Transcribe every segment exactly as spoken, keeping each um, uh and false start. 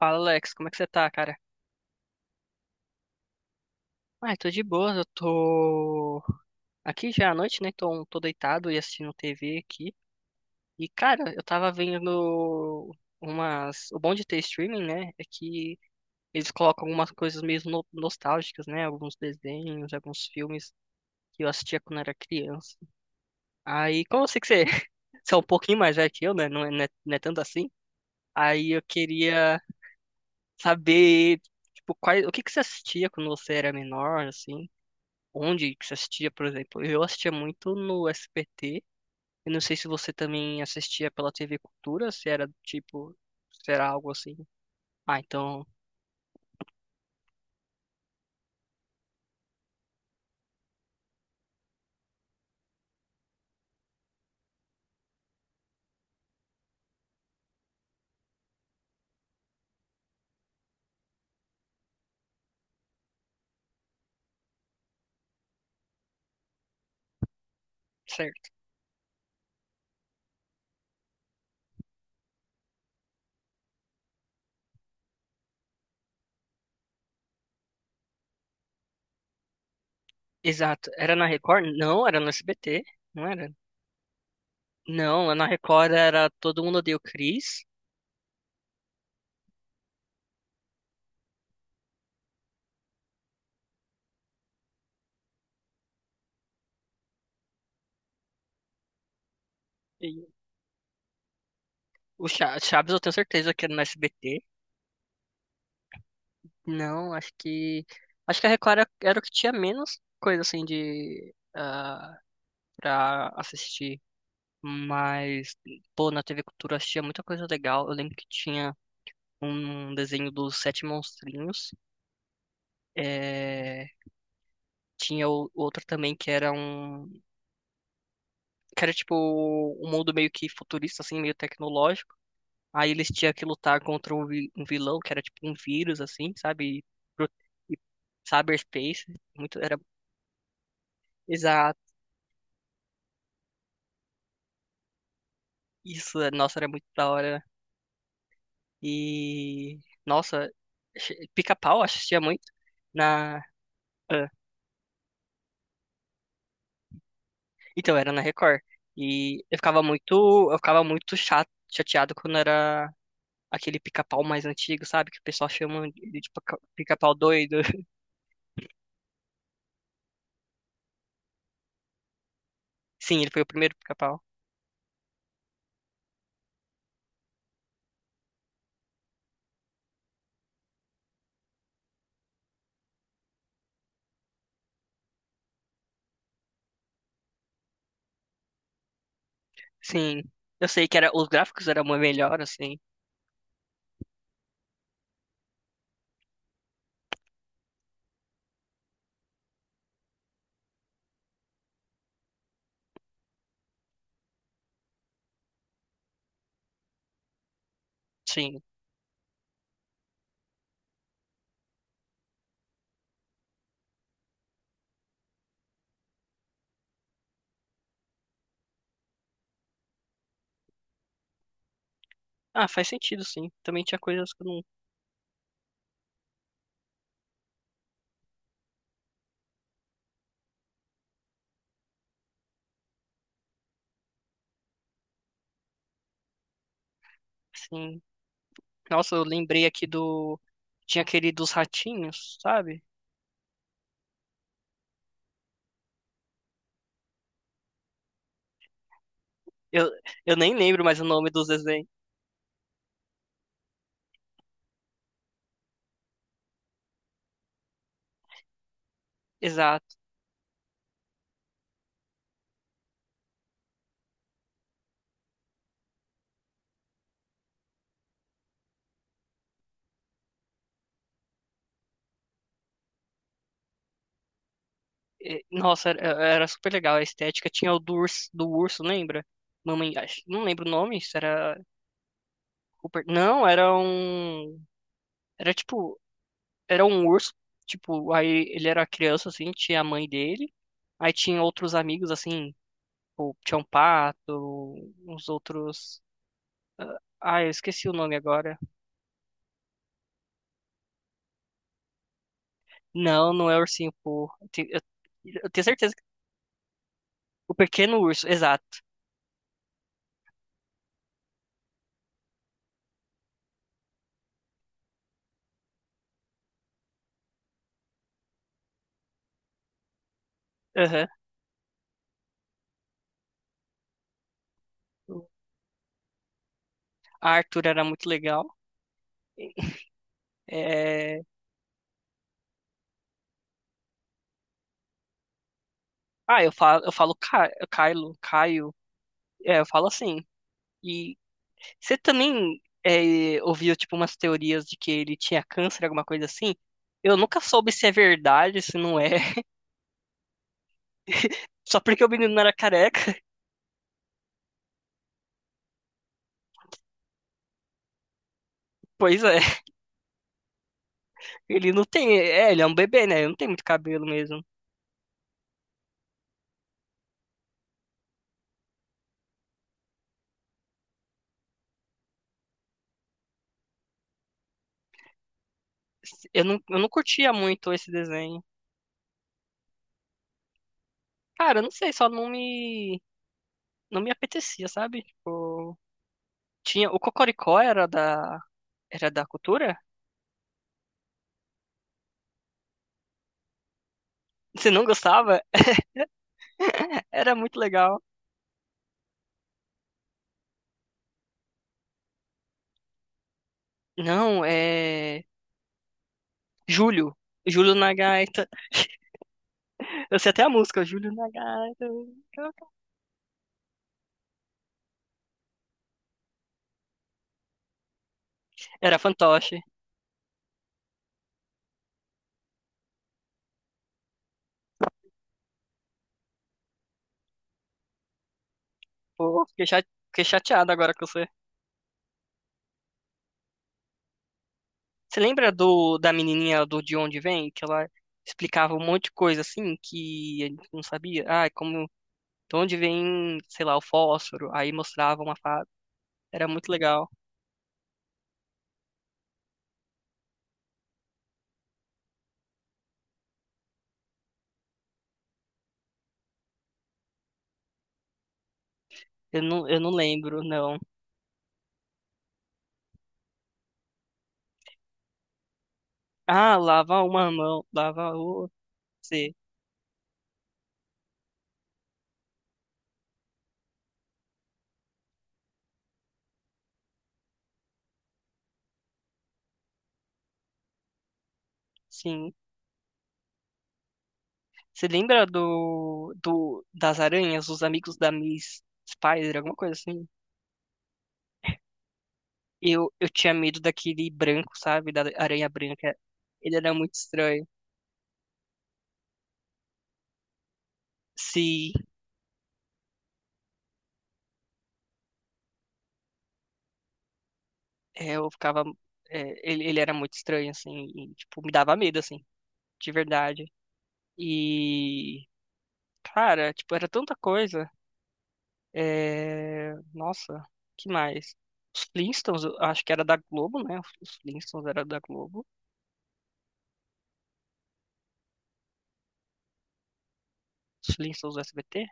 Fala, Alex, como é que você tá, cara? Ah, eu tô de boa, eu tô aqui já à noite, né? Tô, um, tô deitado e assistindo tê vê aqui. E, cara, eu tava vendo umas. O bom de ter streaming, né? É que eles colocam algumas coisas meio no- nostálgicas, né? Alguns desenhos, alguns filmes que eu assistia quando era criança. Aí, como eu sei que você, você é um pouquinho mais velho que eu, né? Não é, não é não é tanto assim. Aí eu queria saber, tipo, quais, o que que você assistia quando você era menor, assim? Onde que você assistia, por exemplo? Eu assistia muito no S B T. Eu não sei se você também assistia pela tê vê Cultura, se era tipo, se era algo assim. Ah, então, certo. Exato. Era na Record? Não, era no S B T. Não era? Não, na Record era Todo Mundo Odeia o Chris. E o Cha- Chaves eu tenho certeza que era no S B T. Não, acho que. Acho que a Record era, era o que tinha menos coisa assim de. Ah, pra assistir. Mas, pô, na tê vê Cultura eu assistia muita coisa legal. Eu lembro que tinha um desenho dos Sete Monstrinhos. É, tinha o- outro também que era um. Que era tipo um mundo meio que futurista, assim, meio tecnológico. Aí eles tinham que lutar contra um vi- um vilão que era tipo um vírus, assim, sabe? E, Pro- e cyberspace. Muito. Era. Exato. Isso, nossa, era muito da hora. E. Nossa, che- Pica-Pau, eu assistia muito. Na. Então, era na Record. E eu ficava muito, eu ficava muito chato, chateado quando era aquele pica-pau mais antigo, sabe? Que o pessoal chama ele de pica- pica-pau doido. Sim, ele foi o primeiro pica-pau. Sim. Eu sei que era, os gráficos eram muito melhor, assim. Sim. Ah, faz sentido, sim. Também tinha coisas que eu não, assim. Nossa, eu lembrei aqui do tinha aquele dos ratinhos, sabe? Eu, eu nem lembro mais o nome dos desenhos. Exato. É, nossa, era, era super legal a estética. Tinha o do urso, do urso, lembra? Mamãe, acho- não lembro o nome, se era Rupert. Não, era um. Era tipo. Era um urso. Tipo, aí ele era criança, assim, tinha a mãe dele. Aí tinha outros amigos, assim, tipo, tinha um pato, uns outros. ah, Ah, eu esqueci o nome agora. Não, não é ursinho, pô. Eu, te- eu- eu tenho certeza. que- O pequeno urso, exato. Aham. Arthur era muito legal. É, ah, eu falo, eu falo Ca- Kylo, Caio, é, eu falo assim. E você também é, ouviu, tipo, umas teorias de que ele tinha câncer, alguma coisa assim? Eu nunca soube se é verdade, se não é. Só porque o menino não era careca. Pois é, ele não tem. É, ele é um bebê, né? Ele não tem muito cabelo mesmo. Eu não, eu não curtia muito esse desenho. Cara, eu não sei, só não me, não me apetecia, sabe? Tipo, tinha, o Cocoricó era da, era da cultura? Você não gostava? Era muito legal. Não, é. Júlio. Júlio na gaita. Eu sei até a música, Júlio na gaita. Era fantoche. Pô, fiquei cha- fiquei chateado agora com você. Você lembra do, da menininha do De Onde Vem? Que ela explicava um monte de coisa assim que a gente não sabia. Ah, é como. De onde vem, sei lá, o fósforo? Aí mostrava uma fada. Era muito legal. Eu não, eu não lembro, não. Ah, lava uma mão, lava outra. Sim. Você lembra do, do das aranhas, os amigos da Miss Spider, alguma coisa assim? Eu, eu tinha medo daquele branco, sabe? Da aranha branca. Ele era muito estranho. Se é, eu ficava. É, ele, ele era muito estranho, assim. E, tipo, me dava medo, assim, de verdade. E. Cara, tipo, era tanta coisa. É, nossa, que mais? Os Flintstones, eu acho que era da Globo, né? Os Flintstones era da Globo. Os Flintstones do S B T.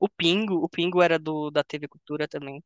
O Pingo, o Pingo era do da tê vê Cultura também.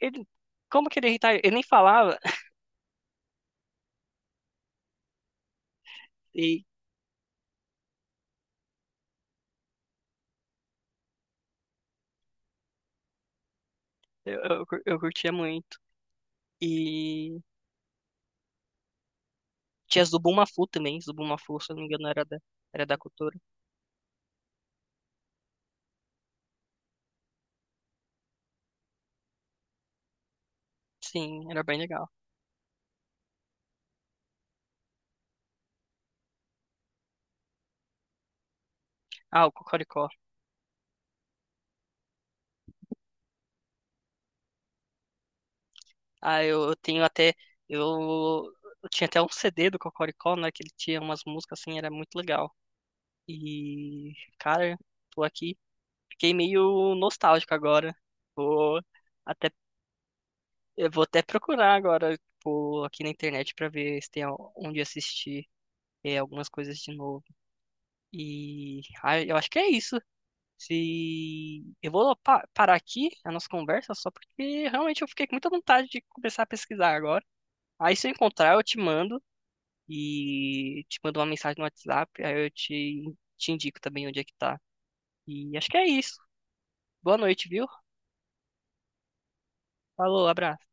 Ele, como que ele irritava? Ele nem falava e eu, eu, cur- eu curtia muito. E tinha Zubum Mafu também, Zubum Mafu, se eu não me engano, era da, era da Cultura. Sim, era bem legal. Ah, o Cocoricó. Ah, eu, eu tenho até, eu, eu tinha até um cê dê do Cocoricó, né, que ele tinha umas músicas assim, era muito legal. E, cara, tô aqui, fiquei meio nostálgico agora. Vou até Eu vou até procurar agora, tipo, aqui na internet pra ver se tem al- onde assistir é, algumas coisas de novo. E ah, eu acho que é isso. Se eu vou pa- parar aqui a nossa conversa só porque realmente eu fiquei com muita vontade de começar a pesquisar agora. Aí se eu encontrar, eu te mando e te mando uma mensagem no WhatsApp, aí eu te, te indico também onde é que tá. E acho que é isso. Boa noite, viu? Falou, abraço.